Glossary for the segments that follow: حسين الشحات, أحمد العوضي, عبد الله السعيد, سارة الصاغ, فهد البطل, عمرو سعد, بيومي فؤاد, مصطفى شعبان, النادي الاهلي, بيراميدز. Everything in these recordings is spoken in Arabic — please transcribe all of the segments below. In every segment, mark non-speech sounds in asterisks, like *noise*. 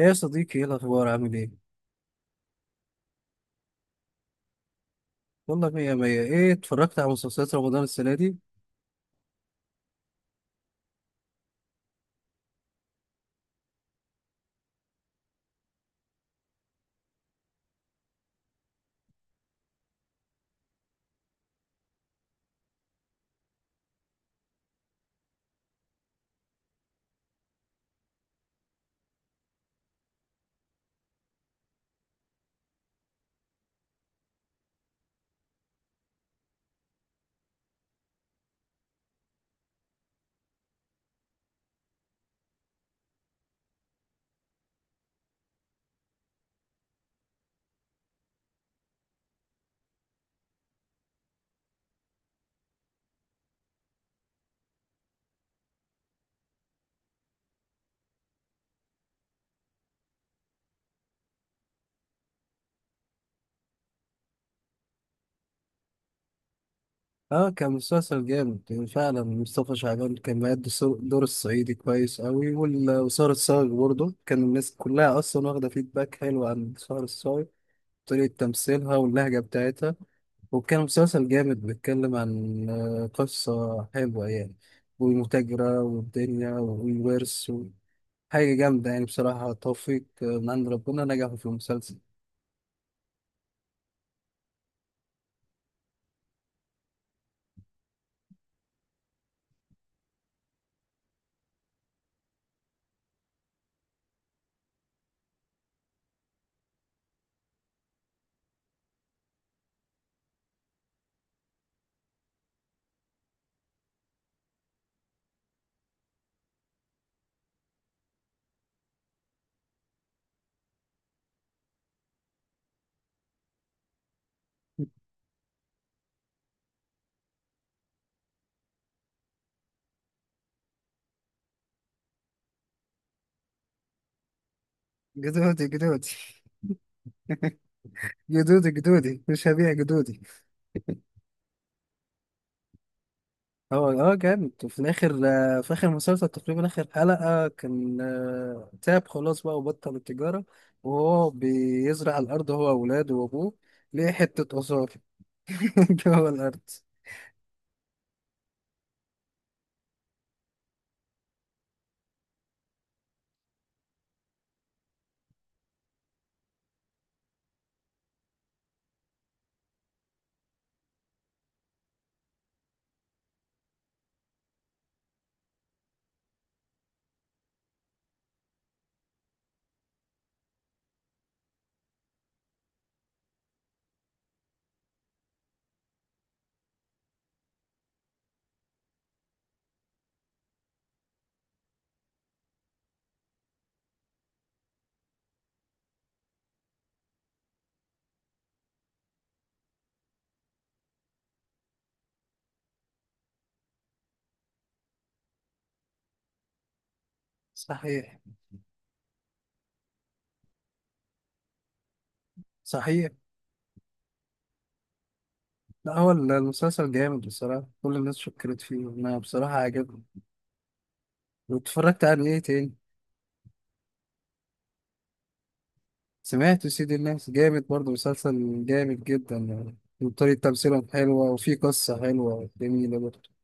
ايه يا صديقي، ايه الاخبار؟ عامل ايه؟ والله مية مية. ايه اتفرجت على مسلسلات رمضان السنه دي؟ اه، كان مسلسل جامد يعني فعلا. مصطفى شعبان كان مأدي دور الصعيدي كويس قوي، وسارة الصاغ برضه كان الناس كلها اصلا واخده فيدباك حلو عن سارة الصاغ، طريقه تمثيلها واللهجه بتاعتها. وكان مسلسل جامد بيتكلم عن قصة حلوة يعني، والمتاجرة والدنيا والورث حاجة جامدة يعني بصراحة. توفيق من عند ربنا، نجحوا في المسلسل. جدودي، جدودي، جدودي، جدودي مش هبيع جدودي. هو جامد، وفي الاخر في اخر مسلسل تقريبا، اخر حلقة، كان تعب خلاص بقى وبطل التجارة، وهو بيزرع الارض هو واولاده وابوه، ليه حتة آثار *laughs* جوه الارض. صحيح. صحيح. لا، هو المسلسل جامد بصراحة، كل الناس شكرت فيه، انا بصراحة عجبني. واتفرجت على ايه تاني؟ سمعت سيد الناس، جامد برضه، مسلسل جامد جدا يعني، وطريقة تمثيلهم حلوة، وفي قصة حلوة جميلة برضه.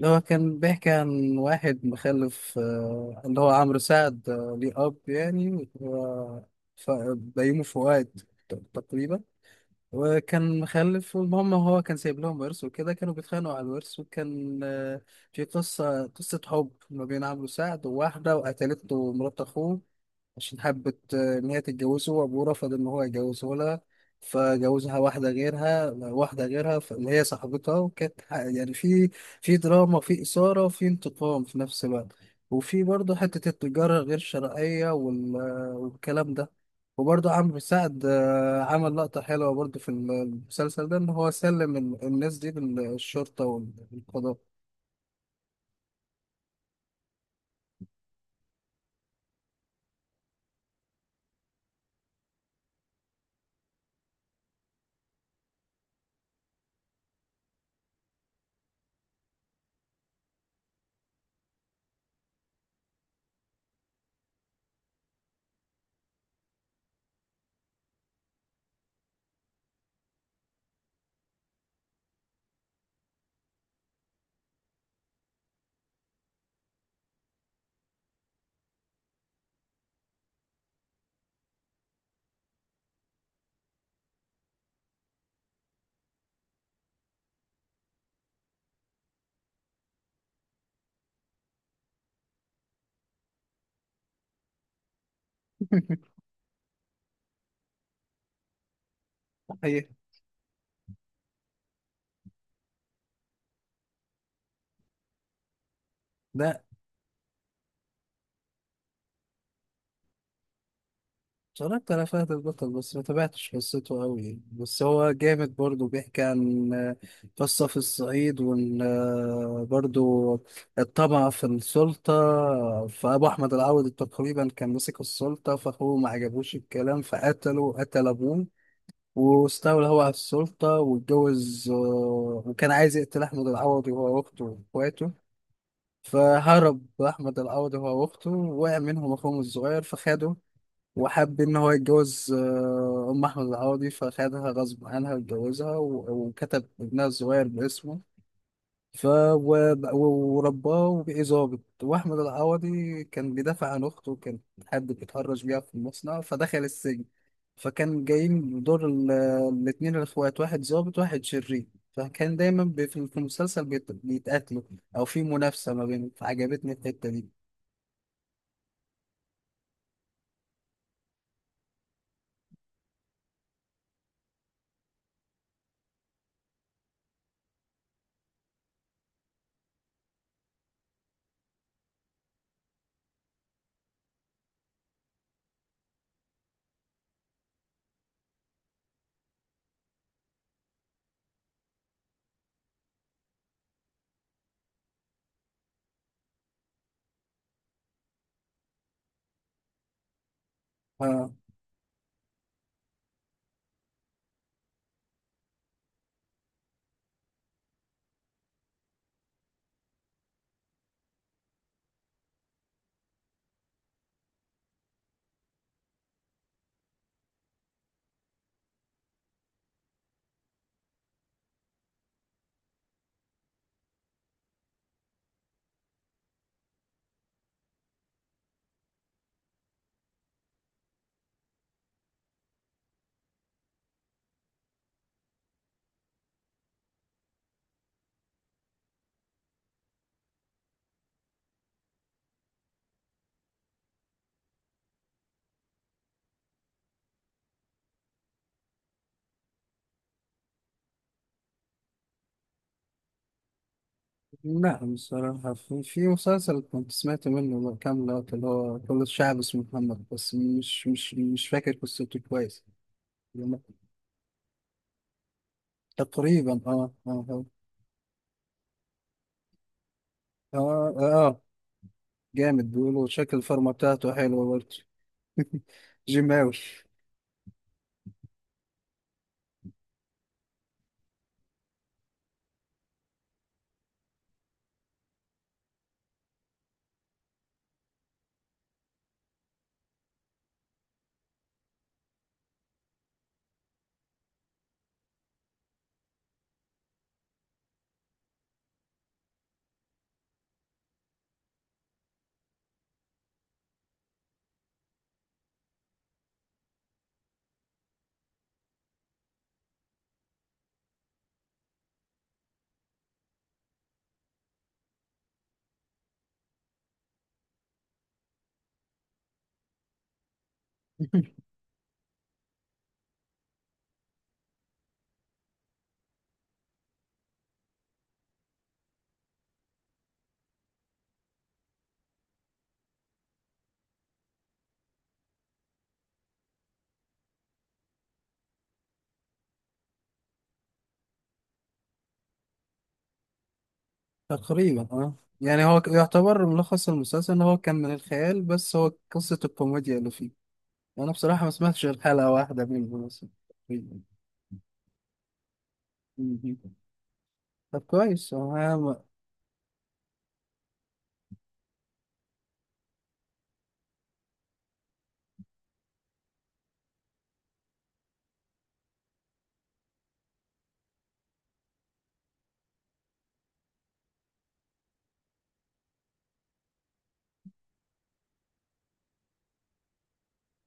اللي هو كان بيحكي عن واحد مخلف، اللي هو عمرو سعد، ليه أب يعني ف- بيومي فؤاد تقريبا. وكان مخلف، والمهم هو كان سايب لهم ورث وكده، كانوا بيتخانقوا على الورث. وكان في قصة حب ما بين عمرو سعد وواحدة، وقتلته مرات أخوه، عشان حبت إن هي تتجوزه، وأبوه رفض إن هو يجوزه لها، فجوزها واحدة غيرها. اللي هي صاحبتها، وكانت يعني في دراما، في إثارة، في انتقام، في نفس الوقت. وفي برضه حتة التجارة غير الشرعية، والكلام ده. وبرضه عمرو سعد عمل لقطة حلوة برضه في المسلسل ده، إن هو سلم الناس دي للشرطة والقضاء. *laughs* حقيقي. ده اتفرجت على فهد البطل بس ما تابعتش قصته قوي يعني. بس هو جامد برضه، بيحكي عن قصة في الصعيد، وان برضه الطمع في السلطة. فأبو أحمد العوضي تقريبا كان مسك السلطة، فأخوه ما عجبوش الكلام، فقتله، قتل أبوه، واستولى هو على السلطة واتجوز، وكان عايز يقتل أحمد العوضي وهو وأخته وإخواته. فهرب أحمد العوضي هو وأخته، وقع منهم أخوهم الصغير فخده، وحب إن هو يتجوز أم أحمد العوضي، فخدها غصب عنها واتجوزها، وكتب ابنها الصغير باسمه. ورباه وبقي ظابط. وأحمد العوضي كان بيدافع عن أخته، وكان حد بيتهرج بيها في المصنع، فدخل السجن، فكان جايين دور الاتنين الإخوات، واحد ظابط واحد شرير، فكان دايما في المسلسل بيتقاتلوا، أو في منافسة ما بينهم. فعجبتني الحتة دي. لا بصراحة، في مسلسل كنت سمعت منه كام لقطة، اللي هو كل الشعب اسمه محمد، بس مش فاكر قصته كويس. تقريبا، اه، اه، اه. اه، آه، آه، جامد، بيقولوا شكل الفورمة بتاعته حلوة برضه. جيماوي. *laughs* تقريبا اه. يعني هو يعتبر ملخص المسلسل ان هو كان من الخيال، بس هو قصة الكوميديا اللي فيه. انا بصراحة ما سمعتش غير حلقة واحدة منه مثلا، تقريباً. مهم. طب كويس هو.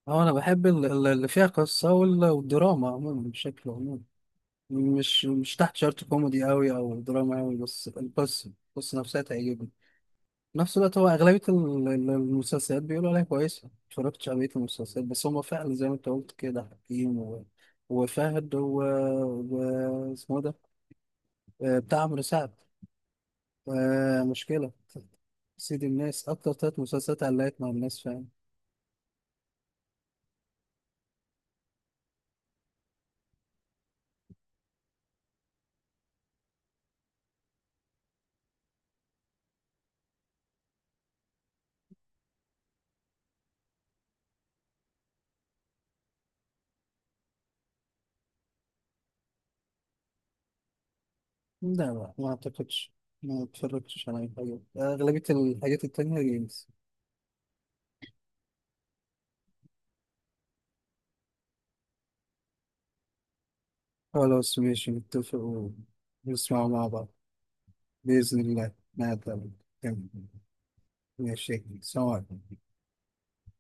اه انا بحب اللي فيها قصة والدراما عموما بشكل عموم، مش تحت شرط كوميدي قوي او دراما قوي، بس القصة نفسها تعجبني. في نفس الوقت، هو اغلبية المسلسلات بيقولوا عليها كويسة، متفرجتش على بقية المسلسلات، بس هما فعلا زي ما انت قلت كده: حكيم، وفهد، اسمه ده، بتاع عمرو سعد، مشكلة، سيد الناس. أكتر تلات مسلسلات علقت مع الناس فعلا. لا، لا، ما أعتقدش. ما اتفرجتش على أي حاجة، أغلبية الحاجات التانية جيمز. خلاص ماشي، نتفق ونسمعوا مع بعض. بإذن الله ما أتقابل. ماشي، سلام عليكم.